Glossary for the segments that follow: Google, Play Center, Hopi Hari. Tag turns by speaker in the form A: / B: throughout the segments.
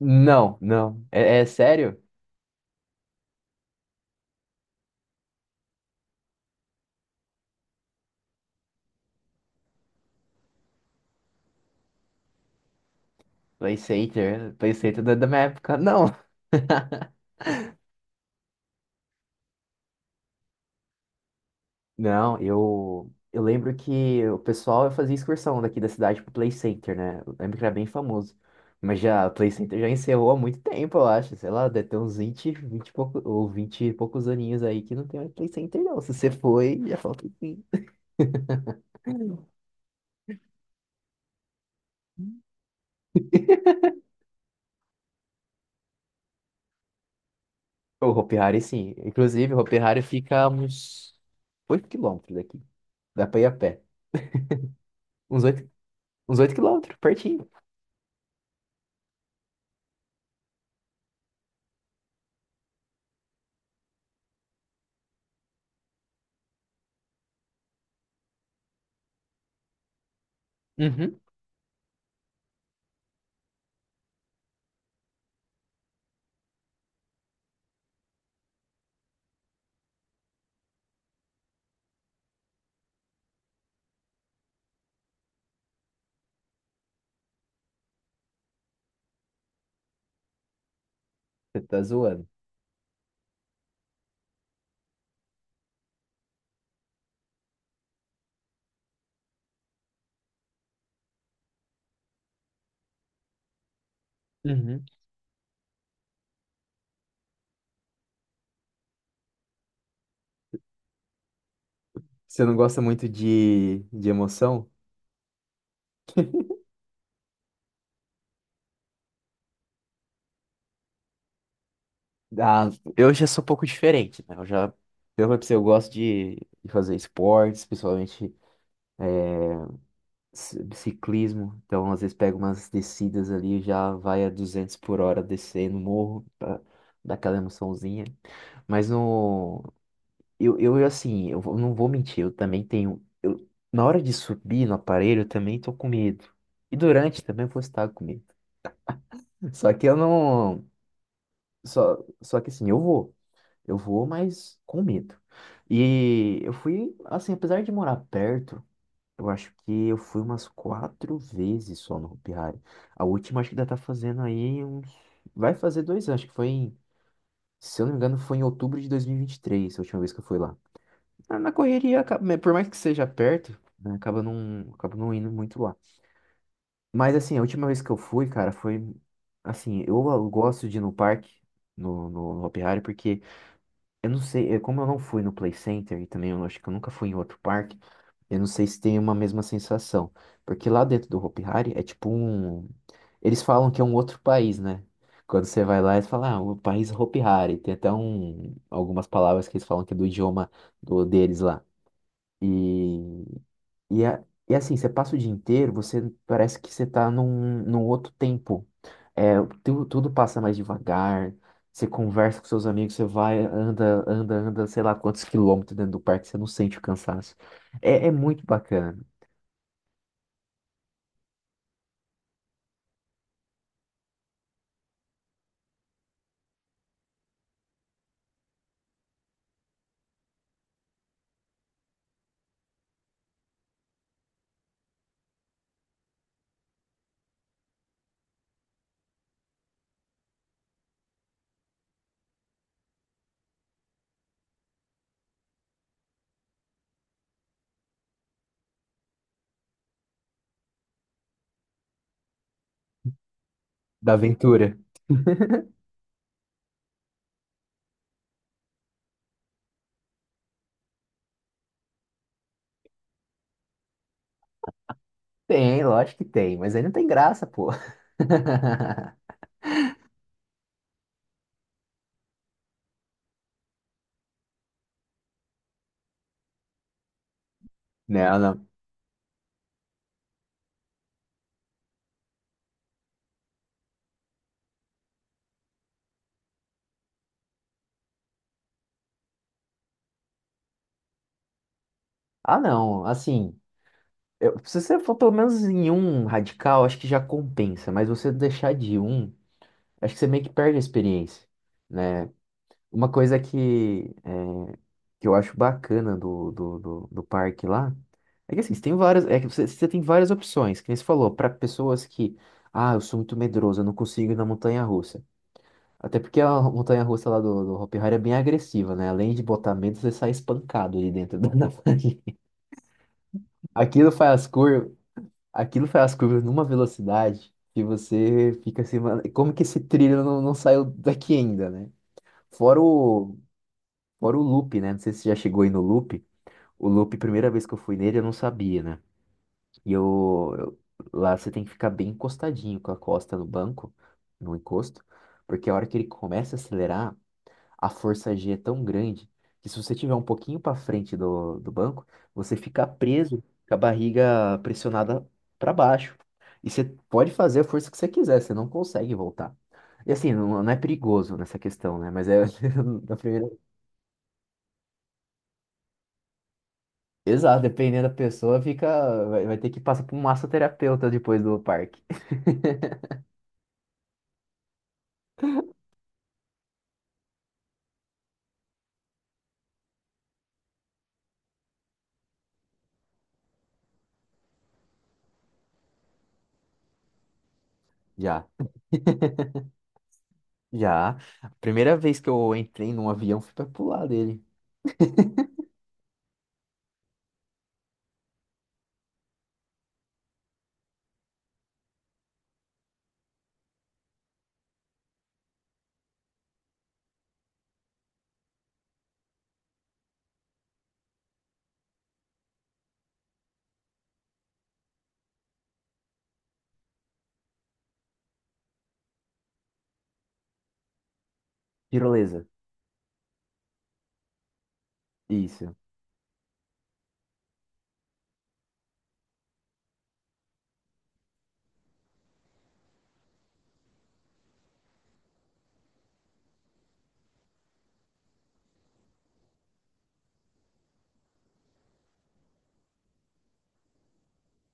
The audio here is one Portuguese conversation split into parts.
A: Não. É sério? PlayStation, PlayStation da minha época, não. Não, eu lembro que o pessoal fazia excursão daqui da cidade pro Play Center, né? Eu lembro que era bem famoso. Mas já, o Play Center já encerrou há muito tempo, eu acho. Sei lá, deve ter uns 20, 20 e pouco, ou 20 e poucos aninhos aí que não tem mais Play Center, não. Se você foi, já falta um pouquinho. O Hopi Hari, sim. Inclusive, o Hopi Hari fica a uns 8 quilômetros daqui. Dá pra ir a pé. Uns 8. Uns 8 quilômetros, pertinho. Uhum. Você tá zoando. Uhum. Você não gosta muito de emoção? Ah, eu já sou um pouco diferente, né? Eu já, eu falei pra você, eu gosto de fazer esportes, principalmente ciclismo. Então, às vezes, pego umas descidas ali, já vai a 200 por hora descendo o morro, pra dar aquela emoçãozinha. Mas no, eu assim, não vou mentir, eu também tenho. Eu, na hora de subir no aparelho, eu também tô com medo. E durante também eu vou estar com medo. Só que eu não. Só que assim, eu vou. Eu vou, mas com medo. E eu fui, assim, apesar de morar perto, eu acho que eu fui umas quatro vezes só no Hopi Hari. A última acho que ainda tá fazendo aí uns. Vai fazer 2 anos, acho que foi em. Se eu não me engano, foi em outubro de dois mil e vinte e três a última vez que eu fui lá. Na correria, né, por mais que seja perto, né, acaba não indo muito lá. Mas assim, a última vez que eu fui, cara, foi assim, eu gosto de ir no parque, no Hopi Hari, porque eu não sei, é, como eu não fui no Play Center e também eu acho que eu nunca fui em outro parque, eu não sei se tem uma mesma sensação. Porque lá dentro do Hopi Hari é tipo um. Eles falam que é um outro país, né? Quando você vai lá, eles falam, ah, o país Hopi Hari. Tem até um, algumas palavras que eles falam que é do idioma do, deles lá. E, e, a- e é assim, você passa o dia inteiro, você parece que você tá num, num outro tempo. É, tudo passa mais devagar, você conversa com seus amigos, você vai, anda, anda, anda, sei lá quantos quilômetros dentro do parque, você não sente o cansaço. É, é muito bacana, da aventura. Tem, lógico que tem, mas aí não tem graça, pô. Não. Ah, não, assim, se você for pelo menos em um radical, acho que já compensa, mas você deixar de ir um. Acho que você meio que perde a experiência, né? Uma coisa que, é, que eu acho bacana do parque lá é que assim, você tem várias, é que você, você tem várias opções, que nem você falou, para pessoas que, ah, eu sou muito medroso, eu não consigo ir na montanha-russa. Até porque a montanha-russa lá do Hopi Hari é bem agressiva, né? Além de botar medo, você sai espancado ali dentro da Aquilo faz as curvas, aquilo faz as curvas numa velocidade que você fica assim, mano, como que esse trilho não, não saiu daqui ainda, né? Fora o, fora o loop, né? Não sei se você já chegou aí no loop. O loop, primeira vez que eu fui nele, eu não sabia, né? E lá você tem que ficar bem encostadinho com a costa no banco, no encosto, porque a hora que ele começa a acelerar, a força G é tão grande que se você tiver um pouquinho para frente do banco, você fica preso com a barriga pressionada para baixo. E você pode fazer a força que você quiser, você não consegue voltar. E assim, não é perigoso nessa questão, né? Mas é, na primeira. Exato, dependendo da pessoa, fica, vai, vai ter que passar por um massoterapeuta depois do parque. Já, já. A primeira vez que eu entrei num avião, fui pra pular dele. Tirolesa. Isso.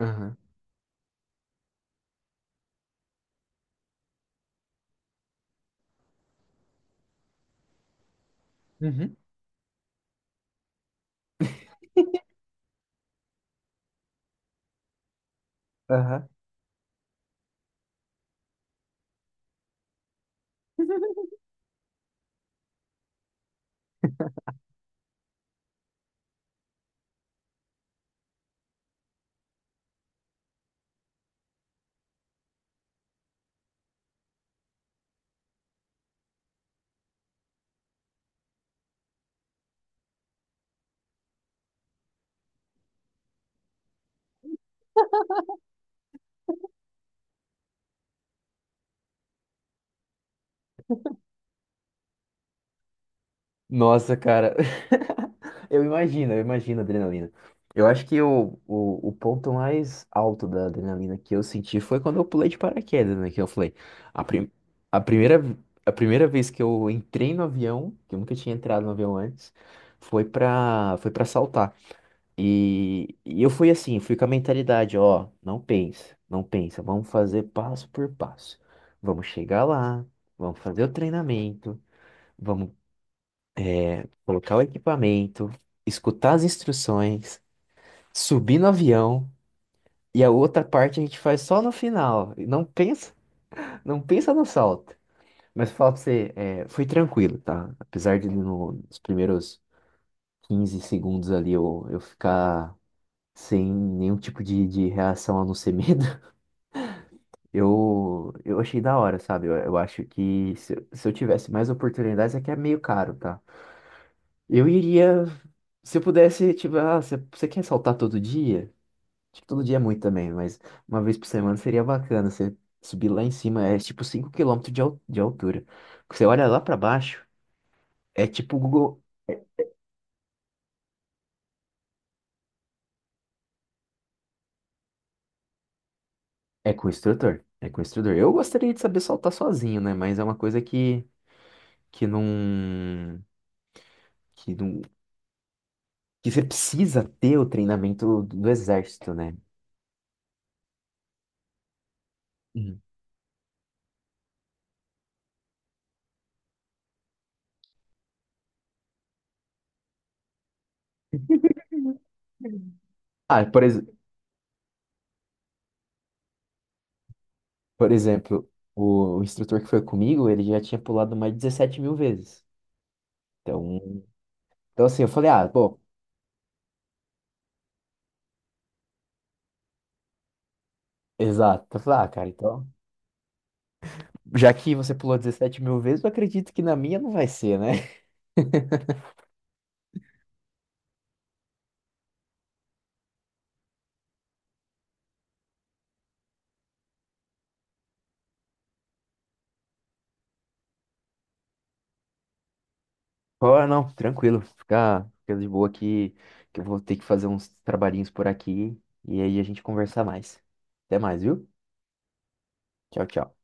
A: Aham. Uhum. Aham. Nossa, cara. Eu imagino a adrenalina. Eu acho que o ponto mais alto da adrenalina que eu senti foi quando eu pulei de paraquedas, né? Que eu falei, a, prim a primeira, a primeira vez que eu entrei no avião, que eu nunca tinha entrado no avião antes, foi pra saltar. E eu fui assim, fui com a mentalidade, ó, não pensa, vamos fazer passo por passo. Vamos chegar lá, vamos fazer o treinamento, vamos colocar o equipamento, escutar as instruções, subir no avião e a outra parte a gente faz só no final. E não pensa no salto. Mas falo pra você, é, foi tranquilo, tá? Apesar de nos primeiros 15 segundos ali eu ficar sem nenhum tipo de reação a não ser medo, eu achei da hora, sabe? Eu acho que se eu tivesse mais oportunidades, é que é meio caro, tá? Eu iria se eu pudesse, tipo, ah, você quer saltar todo dia? Acho que todo dia é muito também, mas uma vez por semana seria bacana você subir lá em cima, é tipo 5 km de, de altura. Você olha lá pra baixo, é tipo o Google, é com o instrutor, é com o instrutor. Eu gostaria de saber saltar sozinho, né? Mas é uma coisa que não, que não, que você precisa ter o treinamento do exército, né? Uhum. Ah, por exemplo, o instrutor que foi comigo, ele já tinha pulado mais de 17 mil vezes. Então, então assim, eu falei, ah, bom. Exato. Eu falei, ah, cara, então. Já que você pulou 17 mil vezes, eu acredito que na minha não vai ser, né? Ah, não, tranquilo. Fica de boa aqui, que eu vou ter que fazer uns trabalhinhos por aqui. E aí a gente conversar mais. Até mais, viu? Tchau, tchau.